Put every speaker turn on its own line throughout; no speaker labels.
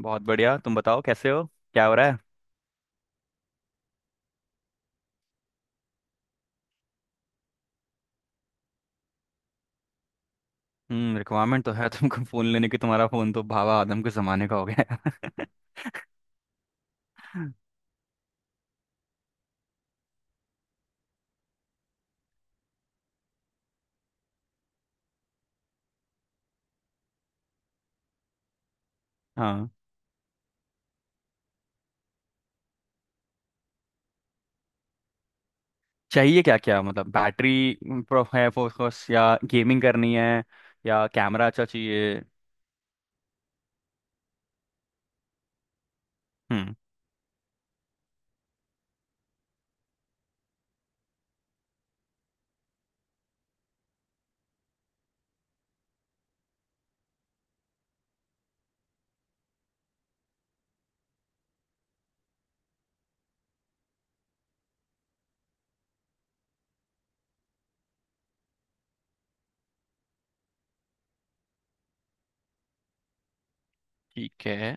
बहुत बढ़िया। तुम बताओ कैसे हो? क्या हो रहा है? हम्म, रिक्वायरमेंट तो है तुमको फोन लेने की। तुम्हारा फोन तो भावा आदम के जमाने का हो गया है। हाँ। चाहिए क्या क्या? मतलब बैटरी प्रो है फोकस, या गेमिंग करनी है, या कैमरा अच्छा चाहिए? हम्म। ठीक है।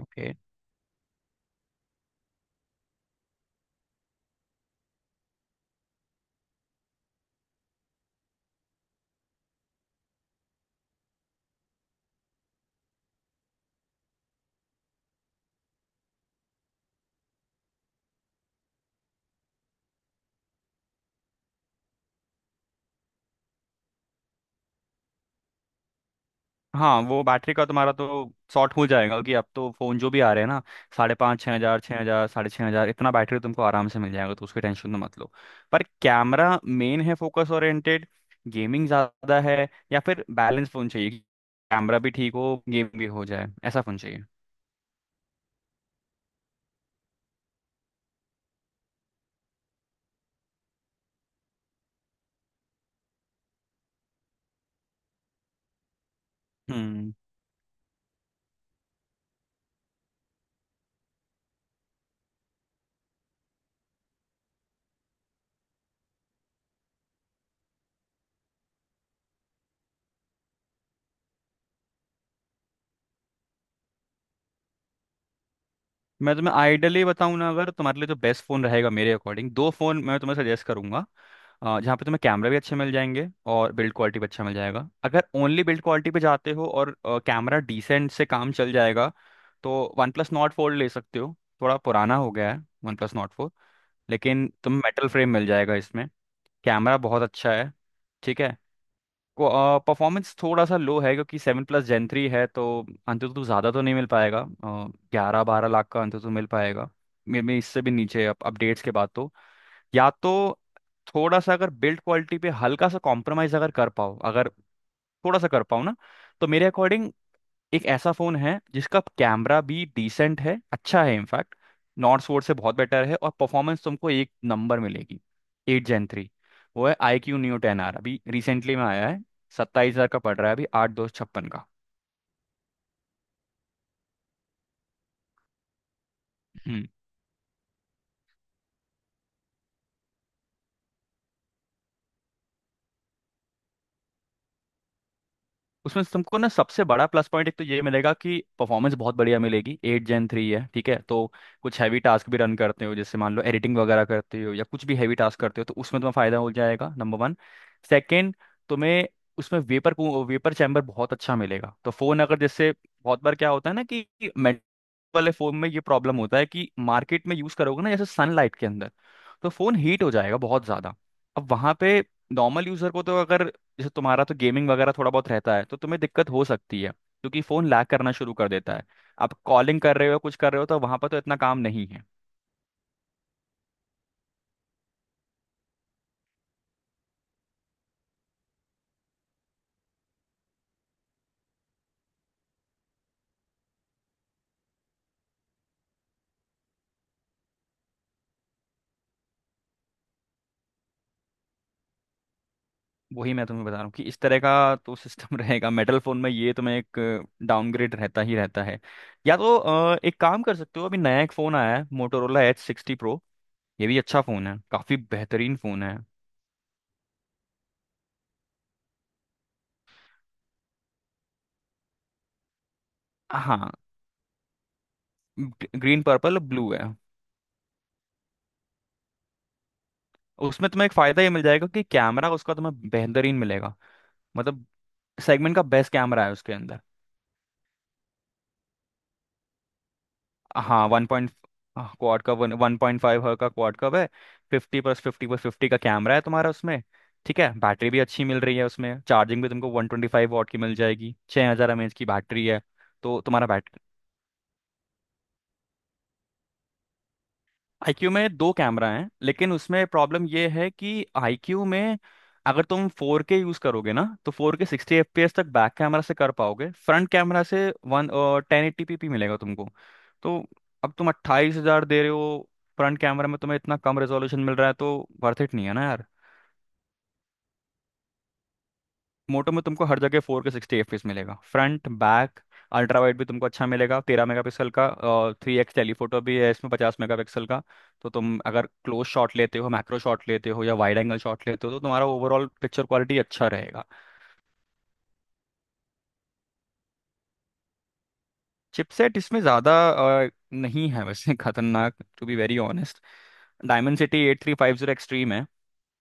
ओके। हाँ, वो बैटरी का तुम्हारा तो शॉर्ट हो जाएगा, क्योंकि अब तो फ़ोन जो भी आ रहे हैं ना, साढ़े पाँच छः हज़ार साढ़े छः हज़ार इतना बैटरी तुमको आराम से मिल जाएगा। तो उसकी टेंशन तो मत लो। पर कैमरा मेन है फोकस ओरिएंटेड, गेमिंग ज़्यादा है, या फिर बैलेंस फ़ोन चाहिए? कैमरा भी ठीक हो, गेम भी हो जाए, ऐसा फ़ोन चाहिए? हम्म। मैं तुम्हें आइडियली बताऊं ना, अगर तुम्हारे लिए जो बेस्ट फ़ोन रहेगा मेरे अकॉर्डिंग, दो फ़ोन मैं तुम्हें सजेस्ट करूंगा। जहाँ पे तुम्हें कैमरा भी अच्छे मिल जाएंगे, और बिल्ड क्वालिटी भी अच्छा मिल जाएगा। अगर ओनली बिल्ड क्वालिटी पे जाते हो और कैमरा डिसेंट से काम चल जाएगा, तो वन प्लस नॉट फोर ले सकते हो। थोड़ा पुराना हो गया है वन प्लस नॉट फोर, लेकिन तुम्हें मेटल फ्रेम मिल जाएगा इसमें। कैमरा बहुत अच्छा है। ठीक है। परफॉर्मेंस थोड़ा सा लो है क्योंकि सेवन प्लस जेन थ्री है, तो अंतुतु ज़्यादा तो नहीं मिल पाएगा। ग्यारह बारह लाख का अंतुतु मिल पाएगा। मे बी इससे भी नीचे अपडेट्स के बाद। तो या तो थोड़ा सा अगर बिल्ड क्वालिटी पे हल्का सा कॉम्प्रोमाइज़ अगर कर पाओ, अगर थोड़ा सा कर पाओ ना, तो मेरे अकॉर्डिंग एक ऐसा फोन है जिसका कैमरा भी डिसेंट है, अच्छा है, इनफैक्ट नॉर्ड सोर्स से बहुत बेटर है, और परफॉर्मेंस तुमको एक नंबर मिलेगी, एट जेन थ्री। वो है iQOO Neo ten R, अभी रिसेंटली में आया है, 27,000 का पड़ रहा है, अभी आठ दो छप्पन का। हम्म। उसमें तुमको ना सबसे बड़ा प्लस पॉइंट एक तो ये मिलेगा कि परफॉर्मेंस बहुत बढ़िया मिलेगी, एट जेन थ्री है, ठीक है, तो कुछ हैवी टास्क भी रन करते हो, जैसे मान लो एडिटिंग वगैरह करते हो, या कुछ भी हैवी टास्क करते हो, तो उसमें तुम्हें फायदा हो जाएगा नंबर वन। सेकेंड, तुम्हें उसमें वेपर वेपर चैम्बर बहुत अच्छा मिलेगा। तो फोन अगर, जैसे बहुत बार क्या होता है ना कि मेटल वाले फोन में ये प्रॉब्लम होता है कि मार्केट में यूज करोगे ना जैसे सनलाइट के अंदर, तो फोन हीट हो जाएगा बहुत ज्यादा। अब वहां पे नॉर्मल यूजर को तो अगर, जैसे तुम्हारा तो गेमिंग वगैरह थोड़ा बहुत रहता है, तो तुम्हें दिक्कत हो सकती है क्योंकि फ़ोन लैग करना शुरू कर देता है। आप कॉलिंग कर रहे हो, कुछ कर रहे हो, तो वहाँ पर तो इतना काम नहीं है। वही मैं तुम्हें बता रहा हूँ कि इस तरह का तो सिस्टम रहेगा मेटल फ़ोन में, ये तुम्हें एक डाउनग्रेड रहता ही रहता है। या तो एक काम कर सकते हो, अभी नया एक फ़ोन आया है, मोटोरोला एच सिक्सटी प्रो। ये भी अच्छा फ़ोन है, काफ़ी बेहतरीन फ़ोन है। हाँ, ग्रीन पर्पल ब्लू है। उसमें तुम्हें एक फ़ायदा ये मिल जाएगा कि कैमरा उसका तुम्हें बेहतरीन मिलेगा। मतलब सेगमेंट का बेस्ट कैमरा है उसके अंदर। हाँ, वन पॉइंट क्वाड का वन पॉइंट फाइव का क्वाड कव है। Fifty plus fifty plus fifty का कैमरा है तुम्हारा उसमें। ठीक है, बैटरी भी अच्छी मिल रही है उसमें, चार्जिंग भी तुमको वन ट्वेंटी फाइव वॉट की मिल जाएगी, छः हज़ार एम एच की बैटरी है। तो तुम्हारा आईक्यू में दो कैमरा हैं, लेकिन उसमें प्रॉब्लम ये है कि आईक्यू में अगर तुम फोर के यूज़ करोगे ना, तो four K sixty F P S तक बैक कैमरा से कर पाओगे। फ्रंट कैमरा से one ten eighty P P मिलेगा तुमको तो। अब तुम 28,000 दे रहे हो, फ्रंट कैमरा में तुम्हें इतना कम रेजोल्यूशन मिल रहा है, तो वर्थ इट नहीं है ना यार। मोटो में तुमको हर जगह फोर के सिक्सटी एफ मिलेगा फ्रंट बैक। अल्ट्रा वाइड भी तुमको अच्छा मिलेगा 13 मेगापिक्सल का। थ्री एक्स टेलीफोटो भी है इसमें 50 मेगापिक्सल का। तो तुम अगर क्लोज शॉट लेते हो, मैक्रो शॉट लेते हो, या वाइड एंगल शॉट लेते हो, तो तुम्हारा ओवरऑल पिक्चर क्वालिटी अच्छा रहेगा। चिपसेट इसमें ज़्यादा नहीं है वैसे, खतरनाक to be very honest. Dimensity eight three five zero extreme है,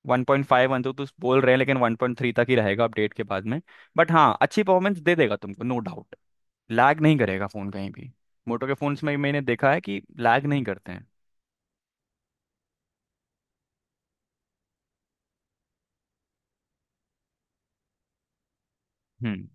वन पॉइंट फाइव वन तो बोल रहे हैं, लेकिन वन पॉइंट थ्री तक ही रहेगा अपडेट के बाद में। बट हाँ, अच्छी परफॉर्मेंस दे देगा तुमको, नो डाउट। लैग नहीं करेगा फ़ोन कहीं भी। मोटो के फ़ोन्स में मैंने देखा है कि लैग नहीं करते हैं। हम्म।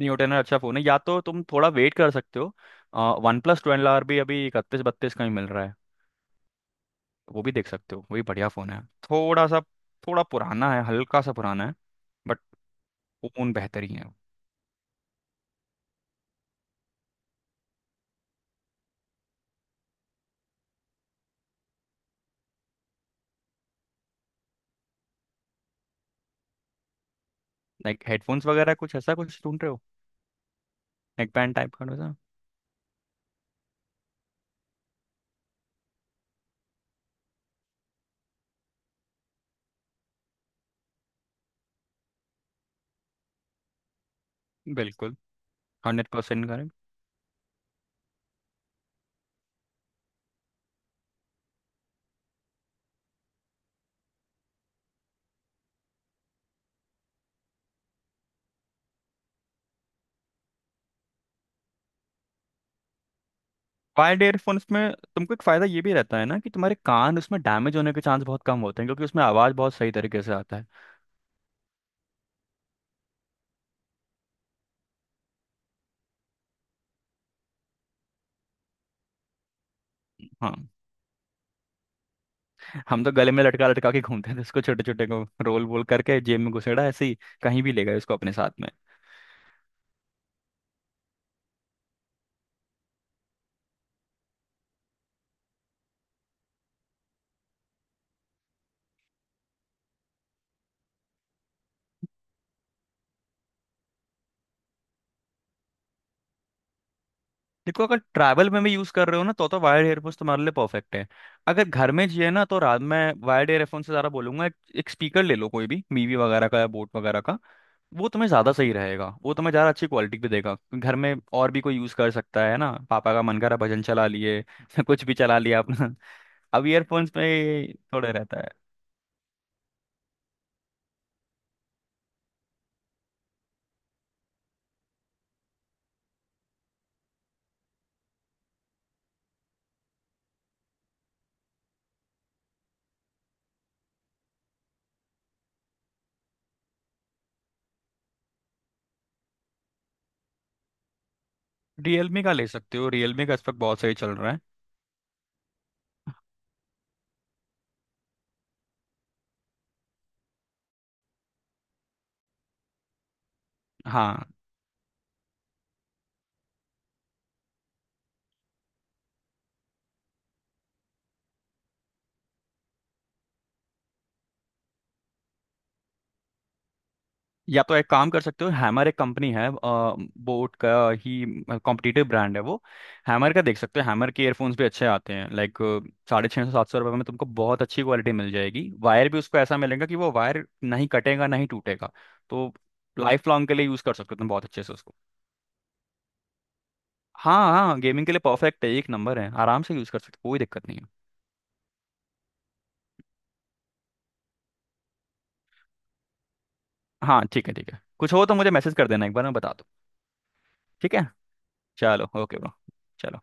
न्यू टेन अच्छा फ़ोन है। या तो तुम थोड़ा वेट कर सकते हो, वन प्लस ट्वेल्व आर भी अभी इकतीस बत्तीस का ही मिल रहा है। वो भी देख सकते हो, वो भी बढ़िया फ़ोन है। थोड़ा सा थोड़ा पुराना है, हल्का सा पुराना है, बट वो फ़ोन बेहतर ही है। लाइक हेडफोन्स वगैरह कुछ ऐसा कुछ ढूंढ रहे हो? नेक बैंड टाइप का वैसा? बिल्कुल। 100% करेक्ट। वायर्ड एयरफोन्स में तुमको एक फ़ायदा ये भी रहता है ना कि तुम्हारे कान उसमें डैमेज होने के चांस बहुत कम होते हैं, क्योंकि उसमें आवाज़ बहुत सही तरीके से आता है। हाँ, हम तो गले में लटका लटका के घूमते थे उसको, छोटे छोटे को रोल वोल करके जेब में घुसेड़ा ऐसे ही, कहीं भी ले गए उसको अपने साथ में। देखो, अगर ट्रैवल में भी यूज कर रहे हो ना, तो वायर्ड एयरफोन्स तुम्हारे लिए परफेक्ट है। अगर घर में जिए ना, तो रात में वायर्ड एयरफोन से ज्यादा बोलूंगा एक स्पीकर ले लो, कोई भी मीवी वगैरह का या बोट वगैरह का। वो तुम्हें ज्यादा सही रहेगा, वो तुम्हें ज्यादा अच्छी क्वालिटी भी देगा। घर में और भी कोई यूज कर सकता है ना, पापा का मन करा भजन चला लिए। कुछ भी चला लिया अपना। अब ईयरफोन्स में थोड़े रहता है। रियलमी का ले सकते हो, रियलमी का इस वक्त बहुत सही चल रहा है। हाँ, या तो एक काम कर सकते हो, हैमर एक कंपनी है, बोट का ही कॉम्पिटिटिव ब्रांड है वो। हैमर का देख सकते हो, हैमर के एयरफोन्स भी अच्छे आते हैं, लाइक साढ़े छः सौ सात सौ रुपये में तुमको बहुत अच्छी क्वालिटी मिल जाएगी। वायर भी उसको ऐसा मिलेगा कि वो वायर नहीं कटेगा, नहीं टूटेगा। तो लाइफ लॉन्ग के लिए यूज़ कर सकते हो तुम बहुत अच्छे से उसको। हाँ हाँ, गेमिंग के लिए परफेक्ट है, एक नंबर है, आराम से यूज़ कर सकते हो, कोई दिक्कत नहीं है। हाँ, ठीक है ठीक है, कुछ हो तो मुझे मैसेज कर देना, एक बार मैं बता दूँ। ठीक है। चलो, ओके ब्रो। चलो bye।